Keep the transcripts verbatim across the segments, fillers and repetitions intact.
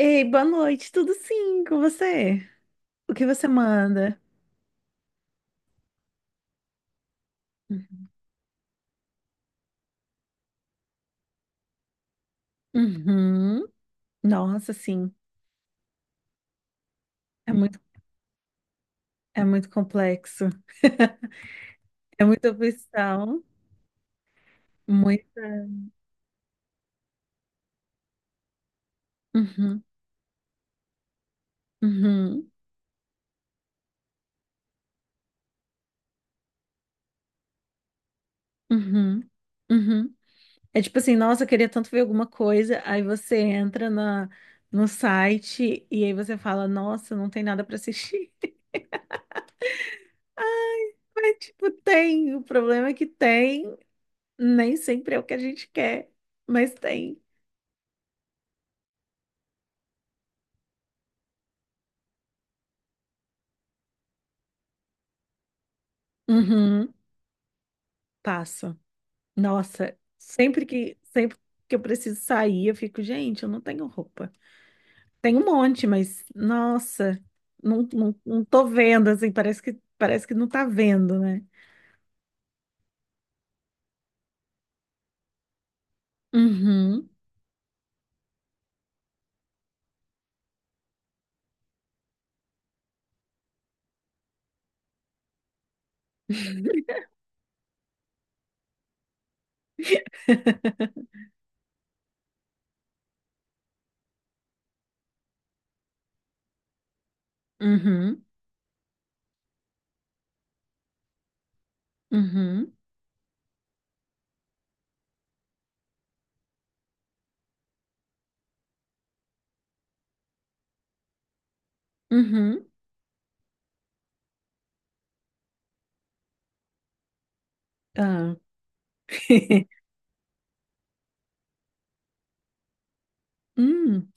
Ei, boa noite, tudo sim com você? O que você manda? Uhum. Nossa, sim, é muito, é muito complexo. É muita opção, muita. Uhum, uhum, uhum, uhum. É tipo assim, nossa, eu queria tanto ver alguma coisa. Aí você entra na, no site e aí você fala, nossa, não tem nada pra assistir. Mas, tipo, tem. O problema é que tem. Nem sempre é o que a gente quer, mas tem. Uhum. Passa. Nossa, sempre que sempre que eu preciso sair, eu fico, gente, eu não tenho roupa. Tem um monte, mas nossa, não, não, não tô vendo assim, parece que parece que não tá vendo, né? Uhum, uhum, uhum, uhum. Ah. Hum.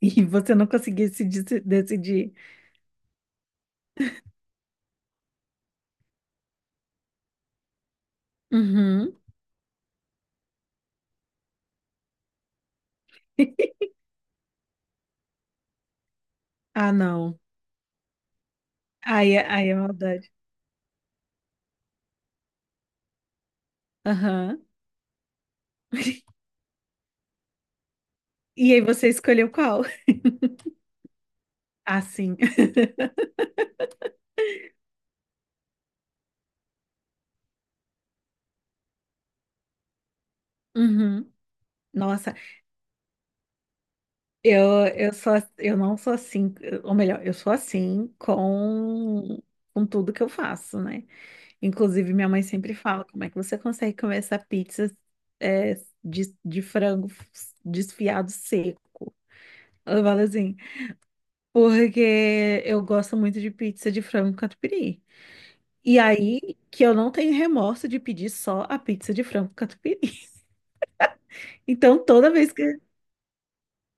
E você não conseguia se deci- decidir. Uhum. Ah, não. Aí, é- aí é maldade. Aham. E aí você escolheu qual? Ah, sim. Uhum. Nossa, Eu, eu sou, eu não sou assim, ou melhor, eu sou assim com, com tudo que eu faço, né? Inclusive, minha mãe sempre fala, como é que você consegue comer essa pizza é, de, de frango desfiado seco? Ela fala assim, porque eu gosto muito de pizza de frango catupiry. E aí que eu não tenho remorso de pedir só a pizza de frango catupiry. Então, toda vez que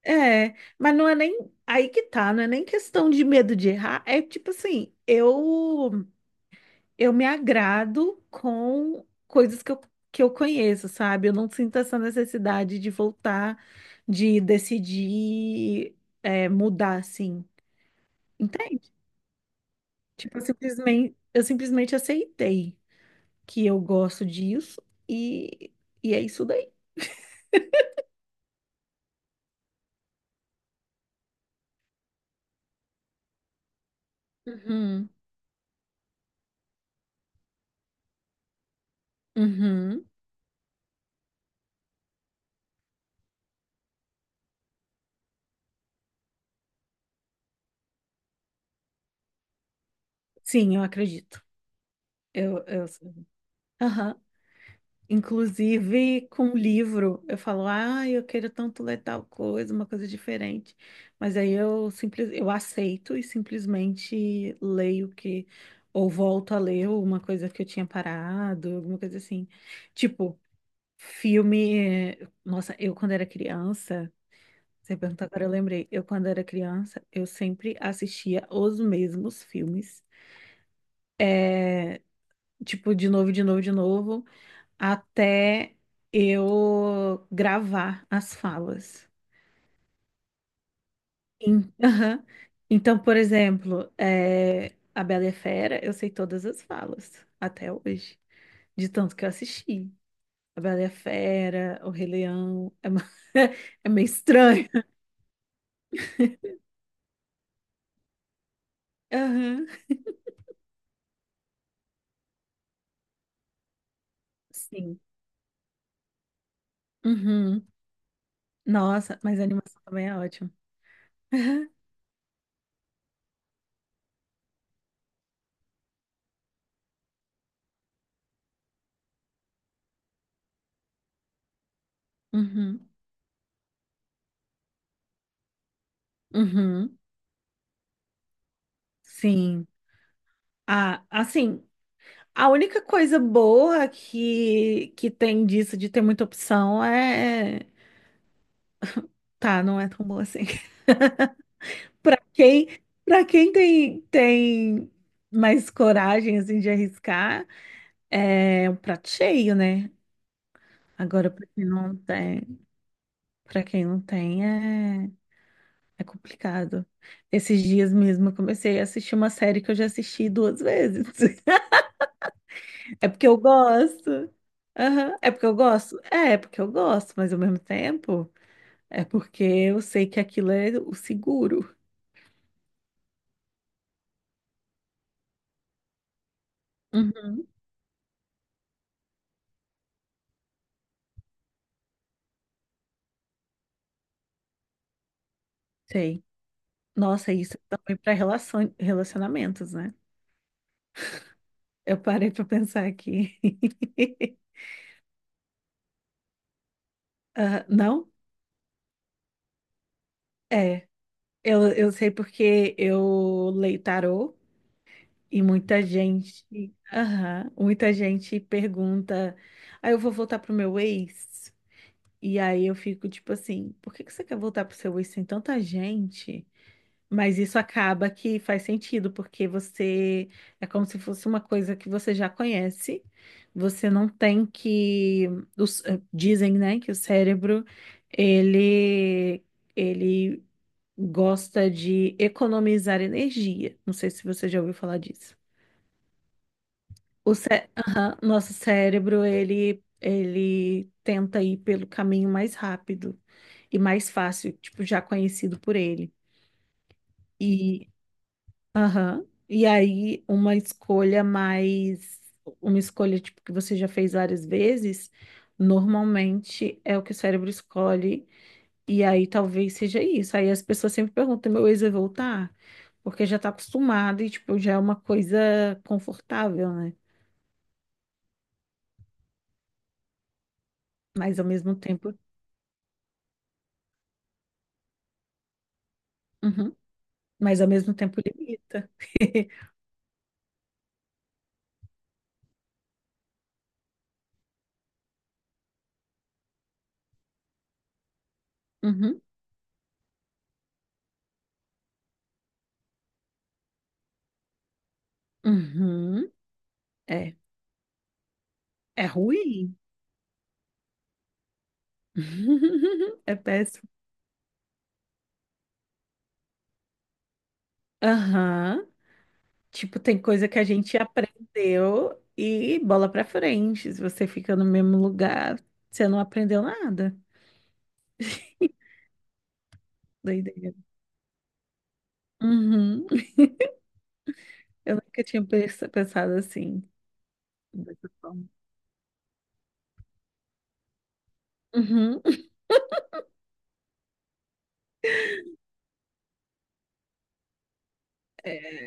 É, mas não é nem aí que tá, não é nem questão de medo de errar, é tipo assim, eu eu me agrado com coisas que eu, que eu conheço, sabe? Eu não sinto essa necessidade de voltar, de decidir é, mudar assim, entende? Tipo, eu simplesmente, eu simplesmente aceitei que eu gosto disso e, e é isso daí. Uhum, uhum. Sim, eu acredito. Eu, eu... Aham. Inclusive com livro, eu falo, ah, eu quero tanto ler tal coisa, uma coisa diferente. Mas aí eu simples, eu aceito e simplesmente leio que, ou volto a ler uma coisa que eu tinha parado, alguma coisa assim. Tipo, filme. eh, Nossa, eu quando era criança, você perguntou agora, eu lembrei. Eu quando era criança, eu sempre assistia os mesmos filmes. É, tipo, de novo, de novo, de novo. Até eu gravar as falas. Em- Aham. Então, por exemplo, é, A Bela e a Fera, eu sei todas as falas, até hoje, de tanto que eu assisti. A Bela e a Fera, O Rei Leão, é, ma- é meio estranho. Aham. Sim. Uhum. Nossa, mas a animação também é ótima. Uhum. Uhum. Sim. Ah, assim. A única coisa boa que, que tem disso, de ter muita opção, é. Tá, não é tão boa assim. Pra quem, para quem tem, tem mais coragem, assim, de arriscar, é um prato cheio, né? Agora, pra quem não tem, pra quem não tem, é, é complicado. Esses dias mesmo eu comecei a assistir uma série que eu já assisti duas vezes. É porque eu gosto. Aham, é porque eu gosto? É, é porque eu gosto, mas ao mesmo tempo. É porque eu sei que aquilo é o seguro. Uhum. Sei. Nossa, isso é também para relacion... relacionamentos, né? Eu parei para pensar aqui. Ah, não? É. Eu, eu sei porque eu leio tarô e muita gente. Aham, muita gente pergunta. Aí eu vou voltar pro meu ex. E aí eu fico tipo assim: por que que você quer voltar pro seu ex? Tem tanta gente. Mas isso acaba que faz sentido, porque você é como se fosse uma coisa que você já conhece. Você não tem que os- eh, dizem, né, que o cérebro ele ele gosta de economizar energia. Não sei se você já ouviu falar disso. O cé- Aham, nosso cérebro ele ele tenta ir pelo caminho mais rápido e mais fácil, tipo já conhecido por ele. Aham. E aí, uma escolha mais, uma escolha tipo que você já fez várias vezes, normalmente é o que o cérebro escolhe. E aí talvez seja isso. Aí as pessoas sempre perguntam, meu ex vai voltar? Porque já tá acostumado e tipo, já é uma coisa confortável, né? Mas ao mesmo tempo, Uhum. Mas ao mesmo tempo limita. Uhum. Uhum. É, é ruim. É péssimo. Aham. Tipo, tem coisa que a gente aprendeu e bola pra frente. Se você fica no mesmo lugar, você não aprendeu nada. Doideira. Uhum. Eu nunca tinha pens- pensado assim, dessa forma. Uhum. É.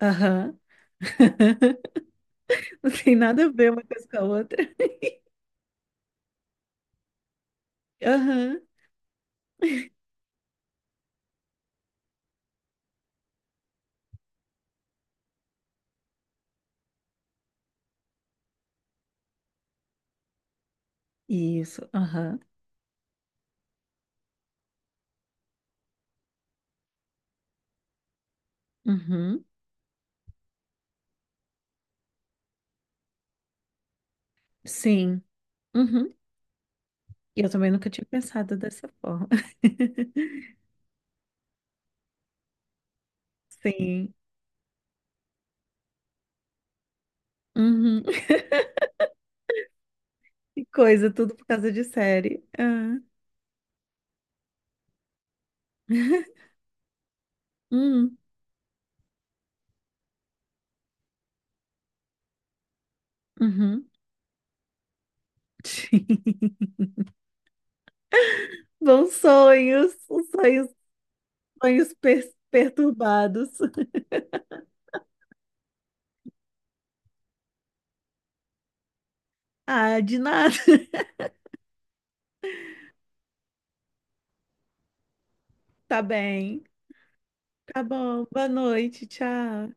Aham. Não tem nada a ver uma coisa com a outra. Aham. Isso. Aham. Uhum. Sim. Uhum. E eu também nunca tinha pensado dessa forma. Sim. Uhum. Que coisa, tudo por causa de série. Ah. Uhum. Uhum. Sim. Bons sonhos, os sonhos, sonhos per- perturbados. Ah, de nada. Tá bem. Tá bom. Boa noite. Tchau.